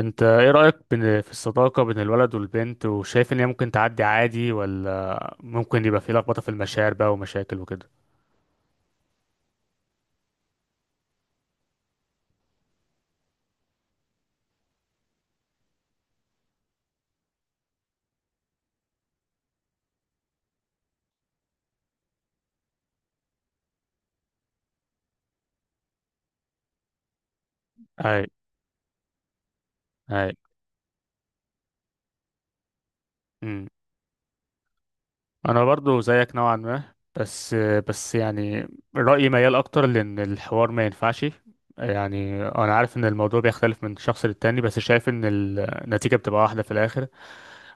انت ايه رأيك في الصداقة بين الولد والبنت، وشايف ان هي ممكن تعدي عادي ولا ممكن يبقى في لخبطة في المشاعر بقى ومشاكل وكده؟ اي، اي. امم. انا برضو زيك نوعا ما، بس بس يعني رأيي ميال اكتر لان الحوار ما ينفعش. يعني انا عارف ان الموضوع بيختلف من شخص للتاني، بس شايف ان النتيجة بتبقى واحدة في الاخر،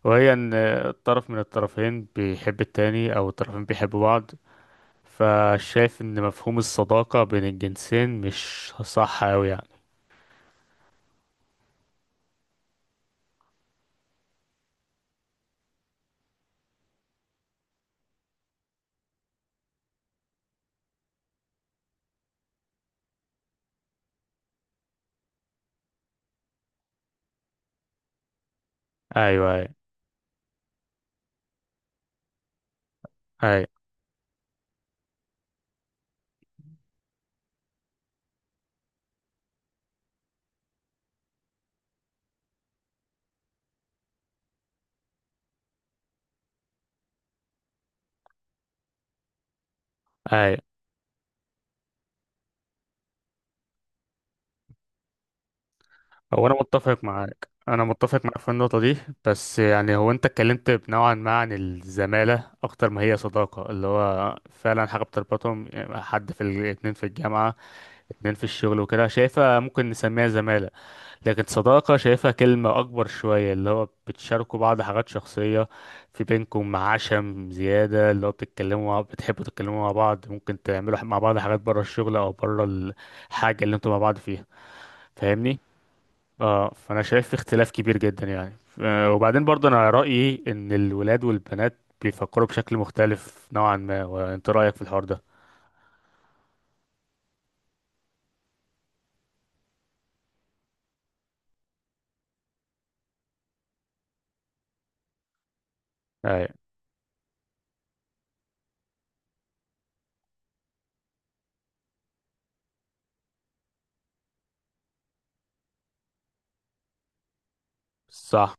وهي ان طرف من الطرفين بيحب التاني او الطرفين بيحبوا بعض. فشايف ان مفهوم الصداقة بين الجنسين مش صح اوي يعني. ايوه، ايوه، ايوه، ايوه. هو انا متفق معاك في النقطة دي. بس يعني هو انت اتكلمت نوعا ما عن الزمالة اكتر ما هي صداقة، اللي هو فعلا حاجة بتربطهم يعني حد في الاتنين في الجامعة، اتنين في الشغل وكده، شايفها ممكن نسميها زمالة. لكن صداقة شايفها كلمة أكبر شوية، اللي هو بتشاركوا بعض حاجات شخصية، في بينكم عشم زيادة، اللي هو بتتكلموا بتحبوا تتكلموا مع بعض، ممكن تعملوا مع بعض حاجات برا الشغل أو برا الحاجة اللي انتوا مع بعض فيها. فاهمني؟ اه، فأنا شايف في اختلاف كبير جدا يعني وبعدين برضه أنا رأيي إن الولاد والبنات بيفكروا بشكل مختلف نوعا ما. وأنت رأيك في الحوار ده؟ أي. صح،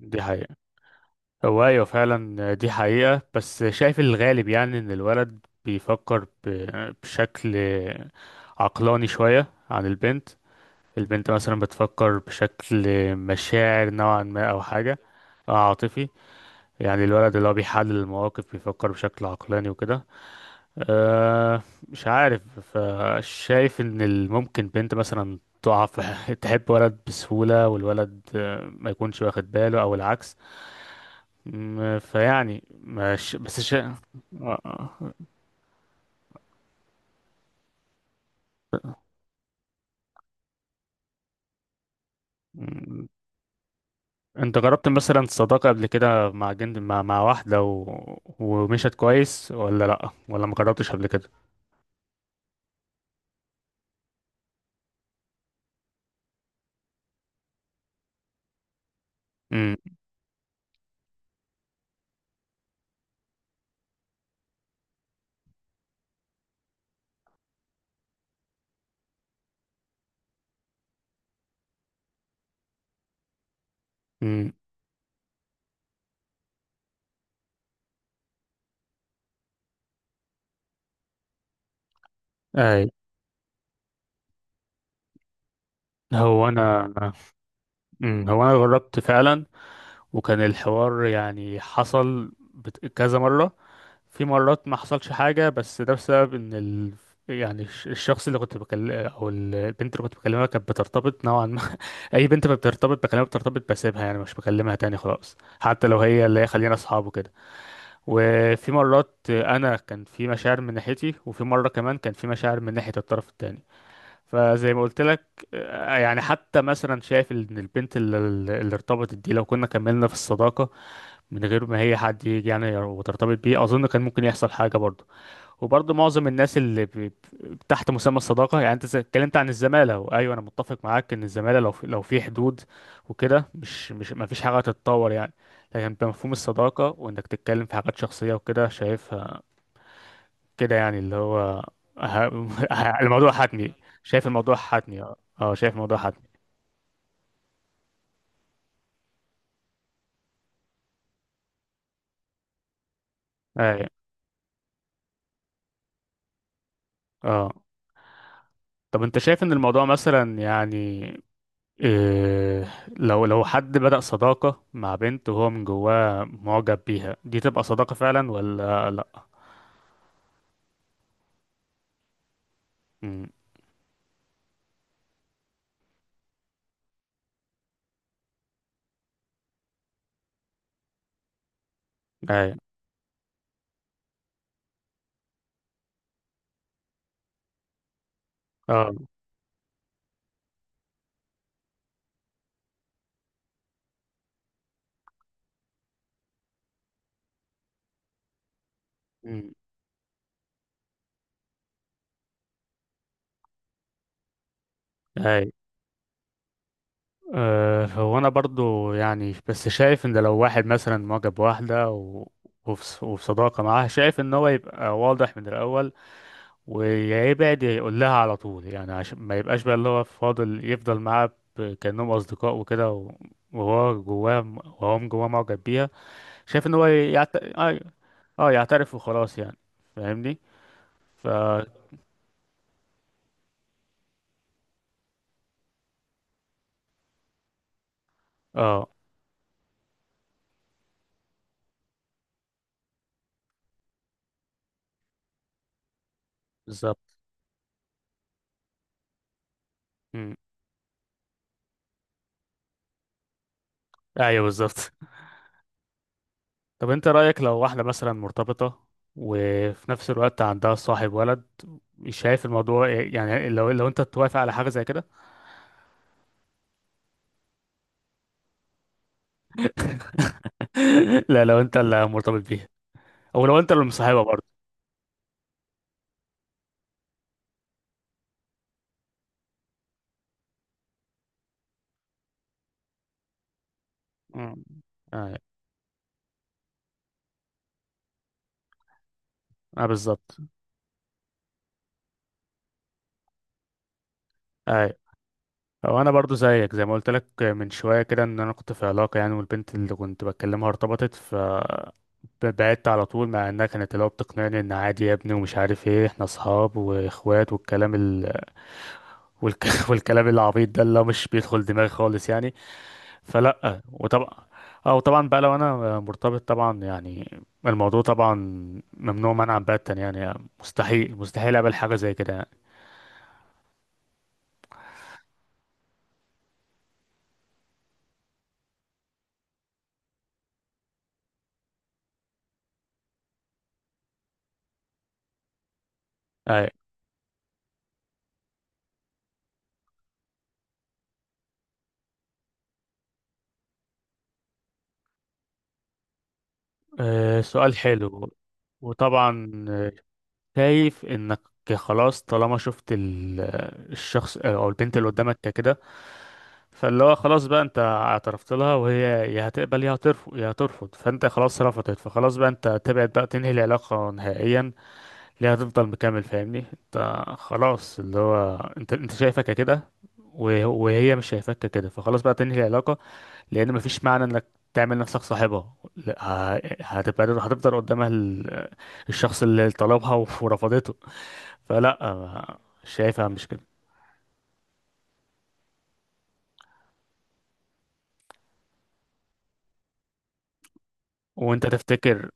دي حقيقة. هو أيوة فعلا دي حقيقة. بس شايف الغالب يعني إن الولد بيفكر بشكل عقلاني شوية عن البنت. البنت مثلا بتفكر بشكل مشاعر نوعا ما، أو حاجة أو عاطفي. يعني الولد اللي هو بيحلل المواقف بيفكر بشكل عقلاني وكده. أه مش عارف. فشايف إن ممكن بنت مثلا تقع في تحب ولد بسهولة، والولد ما يكونش واخد باله، أو العكس. فيعني مش بس آه. م- انت جربت مثلا صداقة قبل كده مع واحدة و... ومشت كويس ولا لأ، ولا ما جربتش قبل كده؟ امم، امم. اي. هو انا هو انا جربت فعلا. وكان الحوار، يعني، حصل كذا مرة. في مرات ما حصلش حاجة، بس ده بسبب ان يعني الشخص اللي كنت بكلم او البنت اللي كنت بكلمها كانت بترتبط نوعا ما. اي، بنت ما بترتبط بكلامه بترتبط بسيبها، يعني مش بكلمها تاني خلاص، حتى لو هي اللي هي خلينا اصحاب وكده. وفي مرات انا كان في مشاعر من ناحيتي، وفي مره كمان كان في مشاعر من ناحيه الطرف التاني. فزي ما قلت لك، يعني حتى مثلا شايف ان البنت اللي ارتبطت دي لو كنا كملنا في الصداقه من غير ما هي حد يجي يعني وترتبط بيه، اظن كان ممكن يحصل حاجه برضه. وبرضه معظم الناس تحت مسمى الصداقة، يعني انت اتكلمت عن الزمالة، وايوه انا متفق معاك ان الزمالة لو في حدود وكده مش ما فيش حاجة تتطور يعني. لكن بمفهوم الصداقة وانك تتكلم في حاجات شخصية وكده، شايفها كده يعني اللي هو ه... الموضوع حتمي. شايف الموضوع حتمي، اه، اه، شايف الموضوع حتمي. اي. اه. طب انت شايف ان الموضوع مثلا يعني إيه، لو حد بدأ صداقة مع بنت وهو من جواه معجب بيها، دي تبقى صداقة فعلا ولا لأ؟ مم. أي. اه. مم. أي. أه هو أنا برضو يعني، بس شايف إن لو واحد مثلا معجب بواحدة وفي صداقة معاها، شايف إن هو يبقى واضح من الأول ويبعد يقول لها على طول، يعني عشان ما يبقاش بقى اللي هو فاضل يفضل معاها كأنهم أصدقاء وكده وهو جواه وهو من جواه معجب بيها. شايف ان هو اه، يعترف وخلاص يعني، فاهمني. ف اه، بالظبط. مم. ايوه، بالظبط. طب انت رأيك لو واحدة مثلا مرتبطة وفي نفس الوقت عندها صاحب ولد، مش شايف الموضوع إيه؟ يعني لو انت توافق على حاجة زي كده؟ لا، لو انت اللي مرتبط بيها، او لو انت اللي مصاحبها برضه. مم. ايوه. اه، بالظبط. ايوه. او انا برضو زيك، زي ما قلت لك من شويه كده، ان انا كنت في علاقه يعني، والبنت اللي كنت بكلمها ارتبطت، ف بعدت على طول، مع انها كانت اللي هو بتقنعني ان عادي يا ابني ومش عارف ايه، احنا اصحاب واخوات، والك... والكلام العبيط ده اللي هو مش بيدخل دماغي خالص يعني. فلا، وطبعا. اه، وطبعا بقى لو انا مرتبط طبعا يعني، الموضوع طبعا ممنوع منعا باتا يعني. مستحيل، مستحيل اقبل حاجه زي كده يعني. أي. سؤال حلو. وطبعا شايف انك خلاص طالما شفت الشخص او البنت اللي قدامك كده، فاللي هو خلاص بقى انت اعترفت لها، وهي يا هتقبل، يا هترفض، فانت خلاص رفضت، فخلاص بقى انت تبعد بقى تنهي العلاقة نهائيا. ليه هتفضل مكمل؟ فاهمني، انت خلاص اللي هو انت شايفك كده وهي مش شايفاك كده، فخلاص بقى تنهي العلاقة. لان مفيش معنى انك تعمل نفسك صاحبها. لا، هتبقى هتفضل قدامها الشخص اللي طلبها ورفضته. فلا، شايفها مش كده. وانت تفتكر،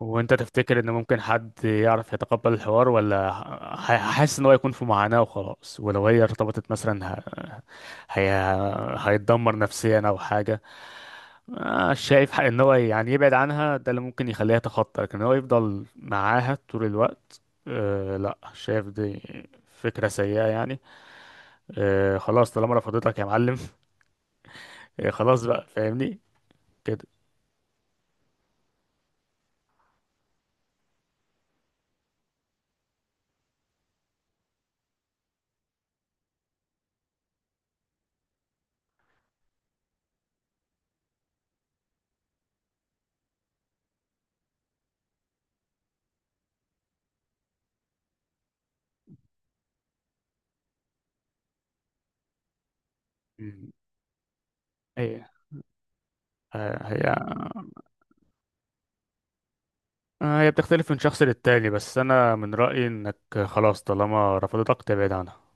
ان ممكن حد يعرف يتقبل الحوار، ولا حاسس ان هو يكون في معاناة وخلاص ولو هي ارتبطت مثلا هي... هيتدمر نفسيا او حاجة؟ شايف ان هو يعني يبعد عنها، ده اللي ممكن يخليها تخطى، لكن هو يفضل معاها طول الوقت. أه لا، شايف دي فكرة سيئة يعني. أه خلاص طالما رفضتك يا معلم. أه خلاص بقى، فاهمني، كده. مم. ايه. آه، هي هي بتختلف من شخص للتاني. بس انا من رأيي انك خلاص طالما رفضتك، تبعد عنها.